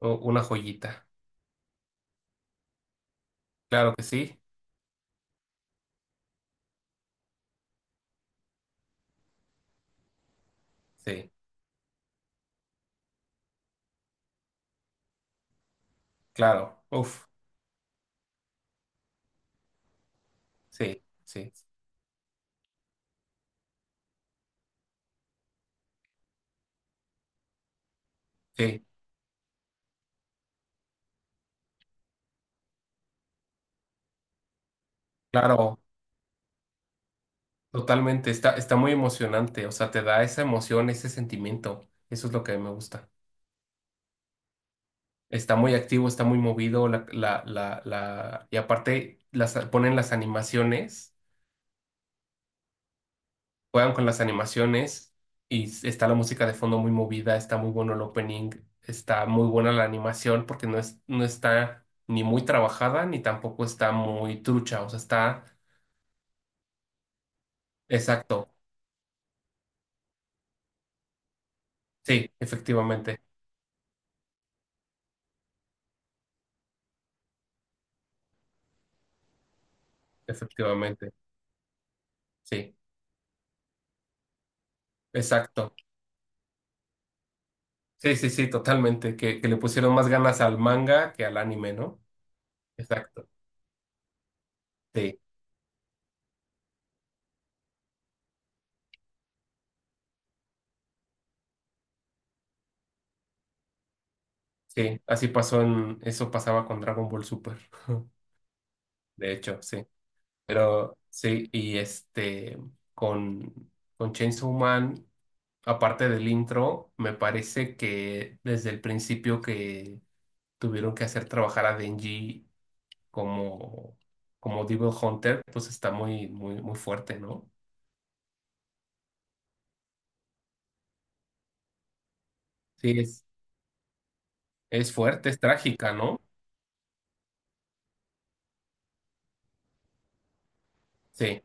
Una joyita. Claro que sí, sí, claro. Uf, sí, sí, sí, claro, totalmente. Está muy emocionante, o sea, te da esa emoción, ese sentimiento. Eso es lo que a mí me gusta. Está muy activo, está muy movido, y aparte ponen las animaciones. Juegan con las animaciones y está la música de fondo muy movida, está muy bueno el opening, está muy buena la animación porque no es, no está ni muy trabajada ni tampoco está muy trucha, o sea, está exacto. Sí, efectivamente, efectivamente, sí, exacto. Sí, sí, sí, totalmente, que le pusieron más ganas al manga que al anime, ¿no? Exacto. Sí, sí, así pasó eso pasaba con Dragon Ball Super. De hecho, sí. Pero sí, y este, con, con Chainsaw Man, aparte del intro, me parece que desde el principio que tuvieron que hacer trabajar a Denji como, como Devil Hunter, pues está muy, muy, muy fuerte, ¿no? Sí, es fuerte, es trágica, ¿no? Sí,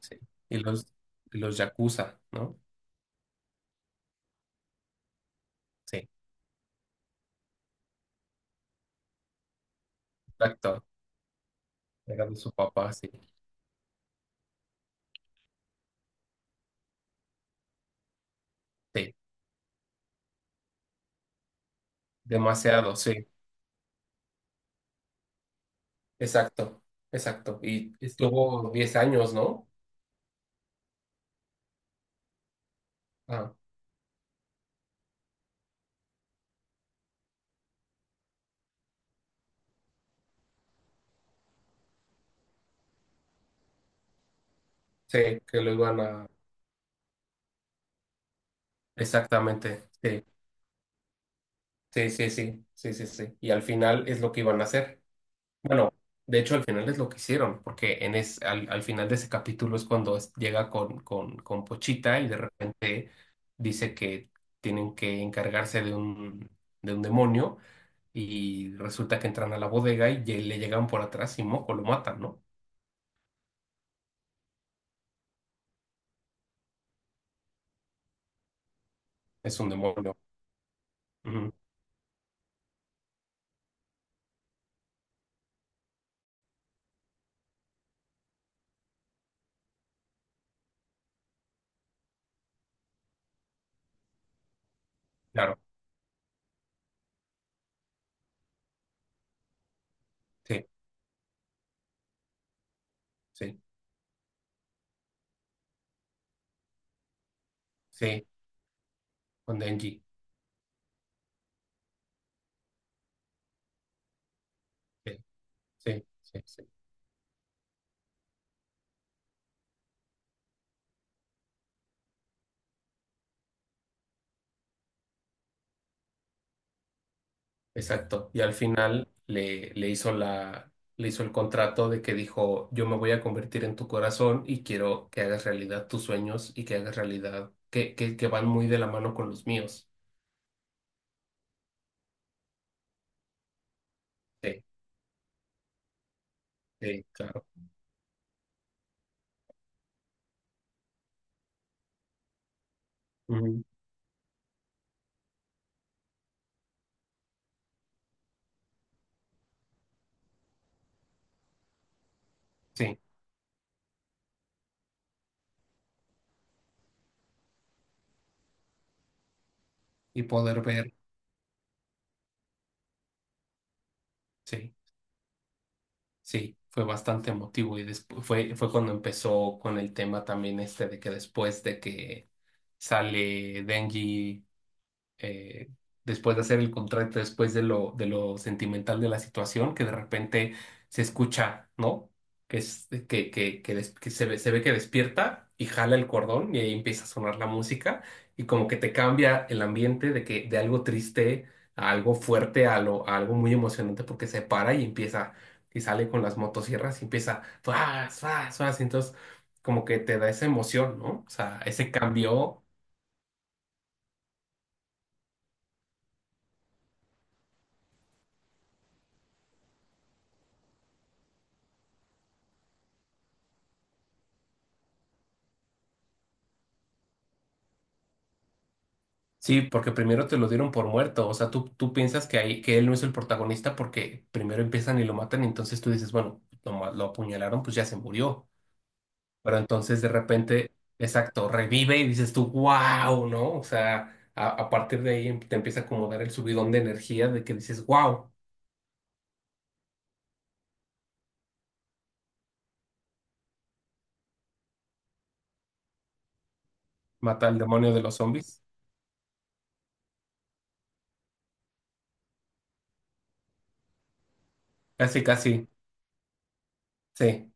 sí. Y los, y los Yakuza, ¿no? Sí, exacto. Era de su papá, sí. Sí, demasiado, sí. Exacto, exacto. Y estuvo 10 años, ¿no? Ah, sí, que lo iban a... Exactamente, sí, sí, sí, sí, sí, sí, sí. Y al final es lo que iban a hacer. Bueno, de hecho al final es lo que hicieron, porque al final de ese capítulo es cuando llega con Pochita y de repente dice que tienen que encargarse de un demonio y resulta que entran a la bodega y le llegan por atrás y moco, lo matan, ¿no? Es un demonio. Ujú, claro. Sí. Sí, sí, con Denji. Sí, sí, sí, sí. Exacto. Y al final le hizo le hizo el contrato de que dijo, yo me voy a convertir en tu corazón y quiero que hagas realidad tus sueños y que hagas realidad, que van muy de la mano con los míos. Sí, sí, claro. Ujú, sí. Y poder ver, sí, sí, fue bastante emotivo. Y después fue cuando empezó con el tema también este de que después de que sale Denji. eh, Después de hacer el contrato, después de lo sentimental de la situación, que de repente se escucha, ¿no? Que se ve que despierta y jala el cordón y ahí empieza a sonar la música y como que te cambia el ambiente de que de algo triste a algo fuerte, a algo muy emocionante porque se para y empieza y sale con las motosierras y empieza, ¡fas, fas, fas! Entonces como que te da esa emoción, ¿no? O sea, ese cambio. Sí, porque primero te lo dieron por muerto, o sea, tú piensas que, ahí, que él no es el protagonista porque primero empiezan y lo matan, y entonces tú dices, bueno, lo apuñalaron, pues ya se murió, pero entonces de repente, exacto, revive y dices tú, wow, ¿no? O sea, a partir de ahí te empieza como a dar el subidón de energía de que dices, wow, mata al demonio de los zombies. Casi, casi, sí,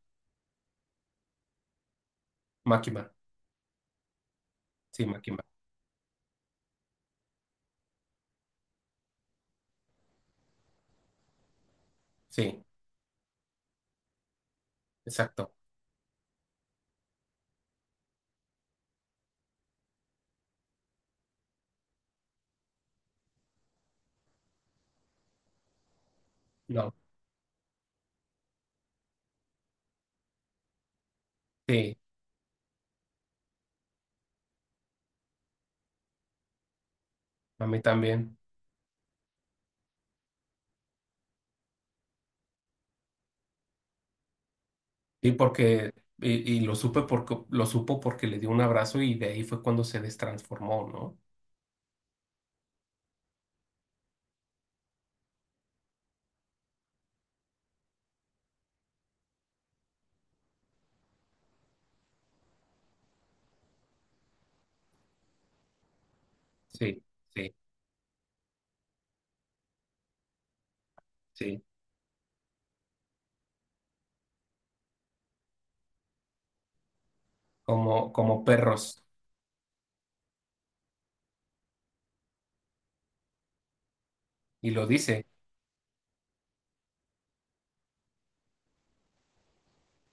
Máquina, sí, Máquina, sí, exacto, no, sí, a mí también. Y porque, y lo supe porque, lo supo porque le dio un abrazo y de ahí fue cuando se destransformó, ¿no? Sí, sí, sí. Como perros. Y lo dice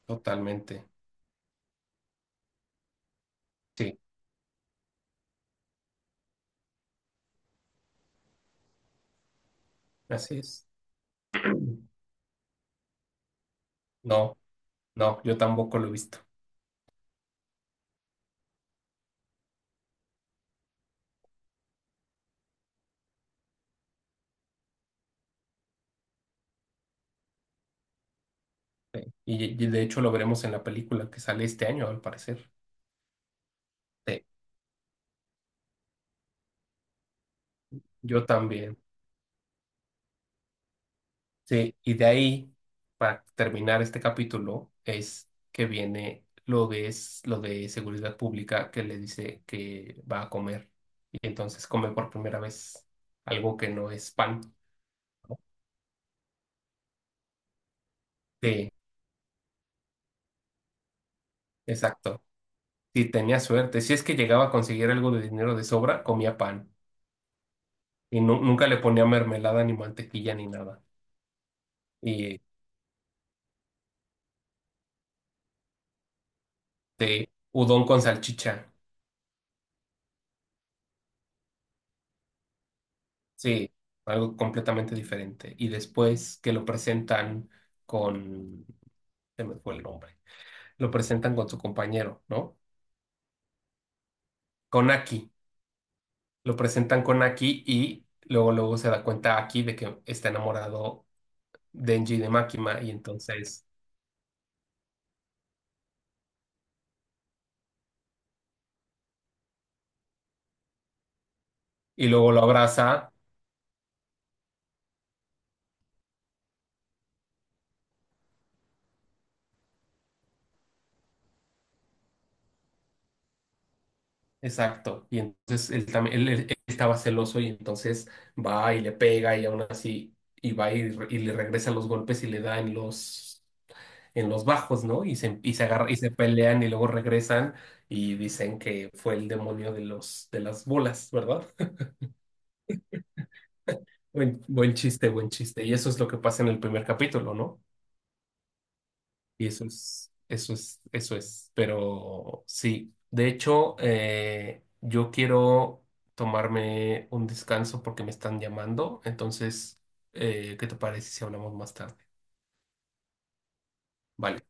totalmente. Sí, así es. No, no, yo tampoco lo he visto. Sí. Y de hecho lo veremos en la película que sale este año, al parecer. Sí, yo también. Sí, y de ahí, para terminar este capítulo, es que viene lo de seguridad pública que le dice que va a comer. Y entonces come por primera vez algo que no es pan. Sí, exacto. Si tenía suerte, si es que llegaba a conseguir algo de dinero de sobra, comía pan. Y nunca le ponía mermelada, ni mantequilla, ni nada. Y de udón con salchicha. Sí, algo completamente diferente. Y después que lo presentan con, se me fue el nombre, lo presentan con su compañero, ¿no? Con Aki, lo presentan con Aki y luego luego se da cuenta Aki de que está enamorado Denji de Makima y entonces, y luego lo abraza, exacto, y entonces él también, estaba celoso y entonces va y le pega y aún así, y va y le regresa los golpes y le da en los bajos, ¿no? Y se agarra, y se pelean y luego regresan y dicen que fue el demonio de los, de las bolas, ¿verdad? Buen, buen chiste, buen chiste. Y eso es lo que pasa en el primer capítulo, ¿no? Y eso es, eso es, eso es. Pero sí, de hecho, yo quiero tomarme un descanso porque me están llamando. Entonces, ¿qué te parece si hablamos más tarde? Vale.